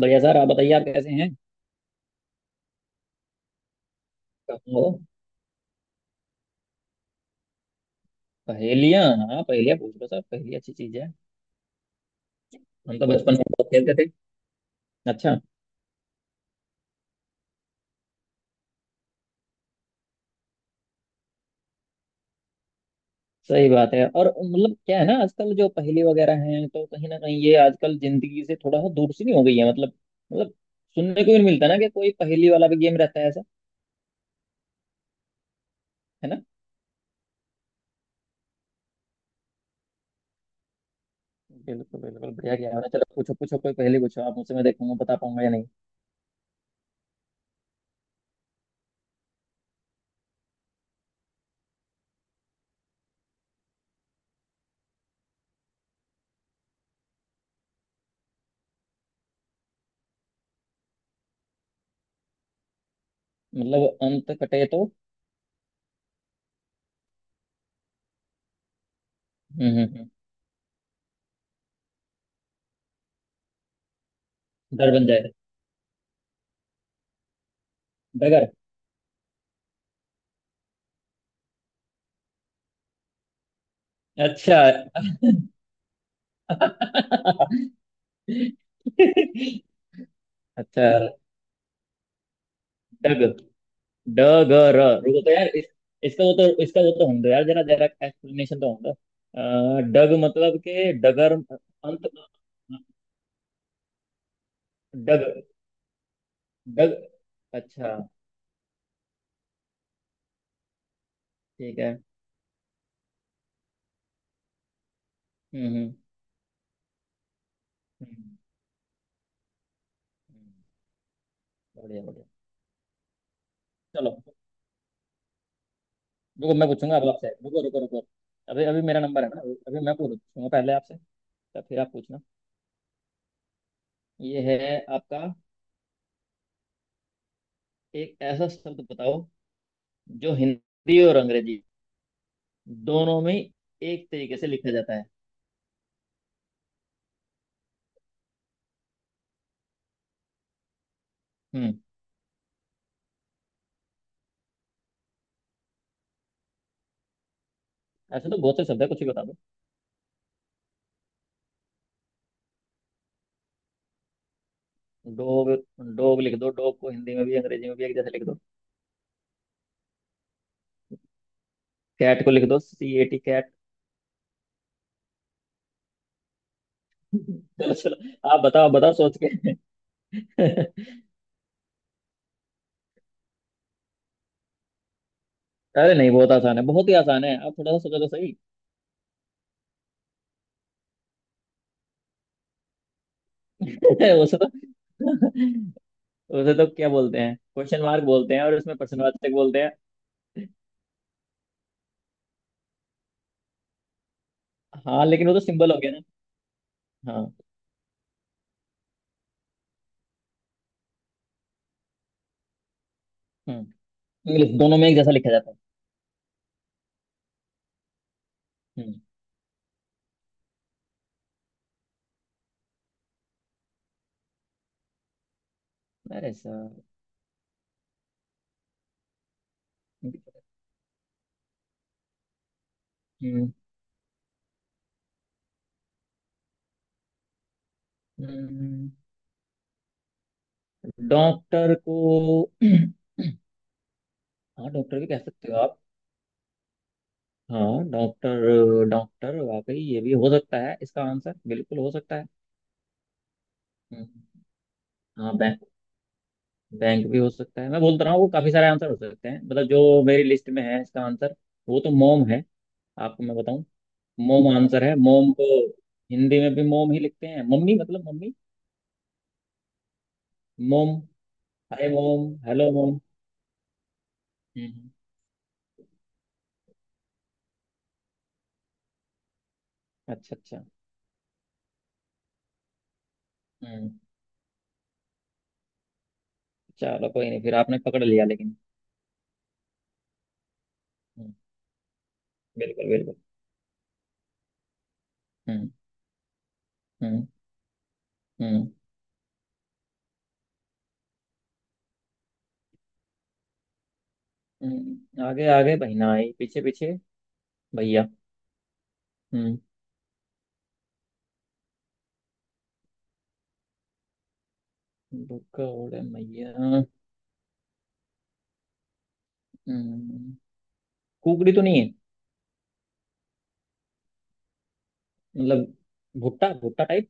बढ़िया सर। आप बताइए, आप कैसे हैं? ओ। पहेलियाँ, हाँ, पहेलियाँ पूछ लो सर, पहेली अच्छी चीज है। हम तो बचपन में बहुत खेलते थे। अच्छा। सही बात है। और मतलब क्या है ना, आजकल जो पहेली वगैरह हैं तो कहीं ना कहीं ये आजकल जिंदगी से थोड़ा सा दूर सी नहीं हो गई है। मतलब सुनने को भी नहीं मिलता ना कि कोई पहेली वाला भी गेम रहता है ऐसा। है ना। बिल्कुल बिल्कुल, बढ़िया गया है। चलो, पूछो पूछो कोई पहेली, पूछो आप मुझसे, मैं देखूंगा बता पाऊंगा या नहीं। मतलब अंत कटे तो। हम्म। हम्म। हम्म। डर बन जाए। डगर। अच्छा। अच्छा। डग, डग र, रुको तो यार इसका वो तो होगा यार, जरा जरा एक्सप्लेनेशन तो होगा। डग मतलब के डगर अंत। डग डग। अच्छा। ठीक है। हम्म। हम्म। हम्म। हम्म। बढ़िया बढ़िया। चलो। रुको, मैं पूछूंगा अब आपसे, रुको रुको रुको। अभी अभी मेरा नंबर है ना। अभी मैं पूछूंगा पहले आपसे। तब फिर आप पूछना। ये है आपका। एक ऐसा शब्द बताओ जो हिंदी और अंग्रेजी दोनों में एक तरीके से लिखा जाता है। हम्म। ऐसे तो बहुत से शब्द है, कुछ भी बता दो। डॉग, डॉग लिख दो, डॉग को हिंदी में भी अंग्रेजी में भी एक जैसे लिख दो। कैट को लिख दो, CAT कैट। चलो चलो। आप बताओ, आप बताओ सोच के। अरे नहीं, बहुत आसान है, बहुत ही आसान है, आप थोड़ा सा सोचो तो सही। उसे तो उसे तो क्या बोलते हैं? क्वेश्चन मार्क बोलते हैं, और उसमें प्रश्नवाचक बोलते हैं। हाँ, लेकिन वो तो सिंबल हो गया ना। हाँ। हम्म। इंग्लिश दोनों में एक जैसा लिखा जाता है। हम्म। अरे सर। डॉक्टर को हाँ, डॉक्टर भी कह सकते हो आप। हाँ, डॉक्टर डॉक्टर, वाकई ये भी हो सकता है इसका आंसर, बिल्कुल हो सकता है। हम्म। हाँ, बैंक। बैंक भी हो सकता है, मैं बोलता रहा हूँ वो, काफी सारे आंसर हो सकते हैं मतलब, जो मेरी लिस्ट में है इसका आंसर वो तो मोम है। आपको मैं बताऊं। मोम आंसर है। मोम को हिंदी में भी मोम ही लिखते हैं, मम्मी मतलब mummy. Mom. Hi mom, hello mom. हम्म। अच्छा अच्छा। हम्म। चलो कोई नहीं, फिर आपने पकड़ लिया लेकिन। हम्म। बिल्कुल बिल्कुल। हम्म। हम्म। हम्म। हम्म। आगे आगे बहना आई, पीछे पीछे भैया। हम्म। भुक्का ओले मैया। हम्म। कुकड़ी तो नहीं है? मतलब भुट्टा, भुट्टा टाइप?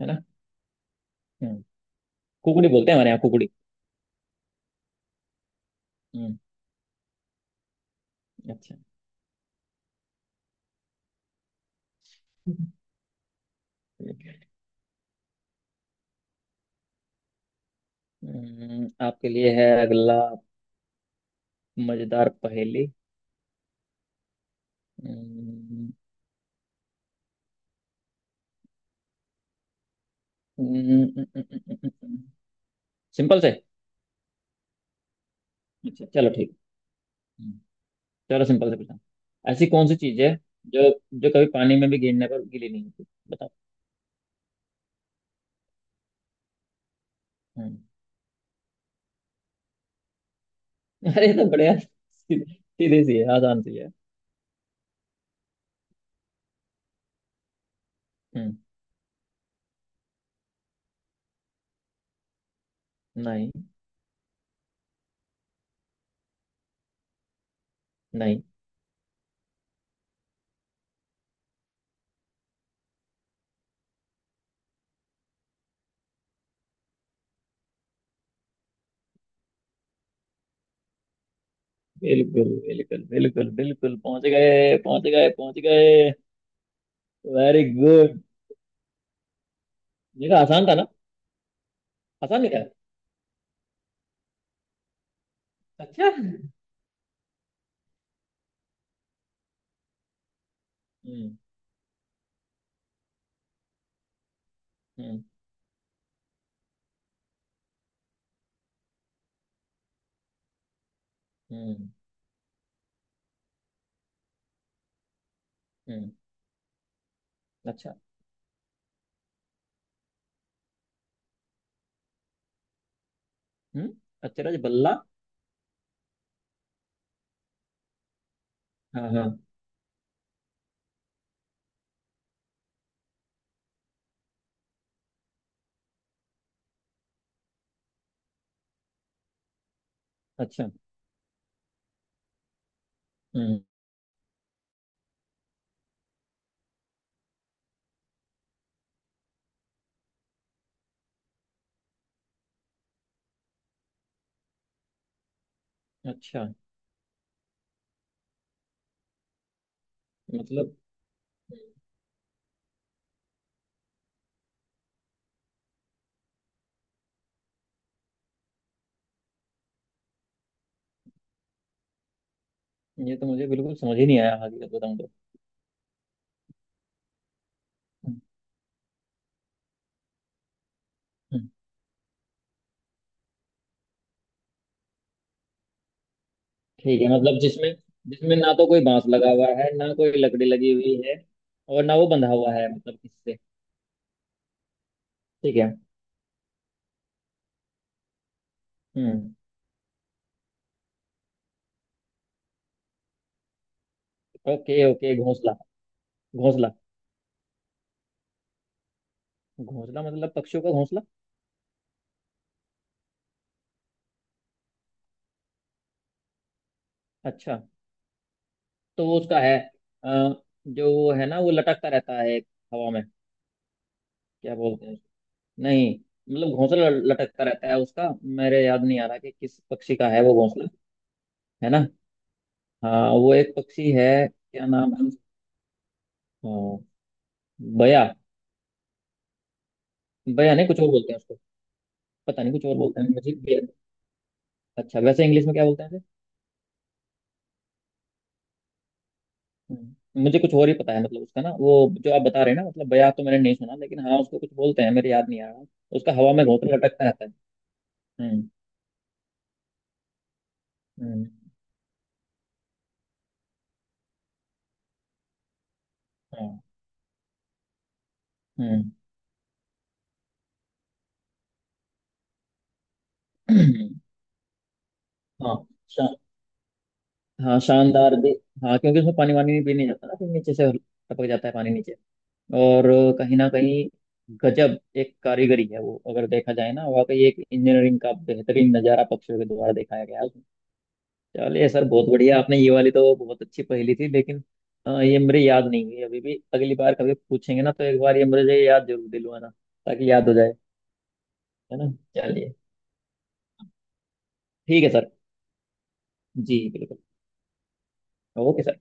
है ना। हम्म। कुकड़ी बोलते हैं हमारे यहाँ, कुकड़ी। हम्म। अच्छा। हम्म। आपके लिए है अगला, मजेदार पहेली। हम्म। हम्म। हम्म। हम्म। हम्म। सिंपल से। अच्छा, चलो ठीक। हम्म। चलो सिंपल से पूछा। ऐसी कौन सी चीज है जो जो कभी पानी में भी गिरने पर गीली नहीं होती? बताओ। हम्म। अरे ये तो बढ़िया, सीधे सीधे सी है, आसान सी है। हम्म। नहीं। नहीं। बिल्कुल बिल्कुल बिल्कुल बिल्कुल, पहुंच गए पहुंच गए पहुंच गए। Very good. देखा आसान था ना। आसान निकला। अच्छा। हम्म। हम्म। हम्म। हम्म। अच्छा। हम्म। अचरज बल्ला। हाँ हाँ। अच्छा। हम्म। अच्छा मतलब, ये तो मुझे बिल्कुल समझ ही नहीं आया हकीकत बताऊं तो। हम्म। हम्म। ठीक है मतलब जिसमें जिसमें ना तो कोई बांस लगा हुआ है ना कोई लकड़ी लगी हुई है, और ना वो बंधा हुआ है, मतलब किससे। ठीक है। हम्म। ओके ओके, घोंसला, घोंसला। घोंसला मतलब पक्षियों का घोंसला। अच्छा। तो वो उसका है। जो वो है ना, वो लटकता रहता है एक हवा में। क्या बोलते हैं उसको? नहीं। मतलब घोंसला लटकता रहता है उसका। मेरे याद नहीं आ रहा कि किस पक्षी का है वो घोंसला। है ना। हाँ, वो एक पक्षी है, क्या नाम है उसका? अ, बया। बया नहीं, कुछ और बोलते हैं उसको। पता नहीं, कुछ और बोलते हैं मुझे, बया। अच्छा, वैसे इंग्लिश में क्या बोलते हैं उसे? मुझे कुछ और ही पता है, मतलब उसका ना वो, जो आप बता रहे हैं ना, मतलब बया तो मैंने नहीं सुना, लेकिन हाँ उसको कुछ बोलते हैं, मेरे याद नहीं आ रहा। उसका हवा में घोंसला लटकता रहता है। हम्म। हम्म। हाँ। हम्म। हाँ शा, हाँ, शानदार भी। हाँ, क्योंकि उसमें पानी वानी भी नहीं जाता ना, फिर नीचे से टपक जाता है पानी नीचे। और कहीं ना कहीं गजब एक कारीगरी है वो, अगर देखा जाए ना, वाकई एक इंजीनियरिंग का बेहतरीन नजारा पक्षियों के द्वारा दिखाया गया है उसमें। चलिए सर, बहुत बढ़िया, आपने ये वाली तो बहुत अच्छी पहेली थी लेकिन ये मेरे याद नहीं हुई अभी भी, अगली बार कभी पूछेंगे ना तो एक बार ये मुझे याद जरूर दिलवाना, ताकि याद हो जाए। है ना। चलिए। ठीक है सर। जी बिल्कुल। Okay sir.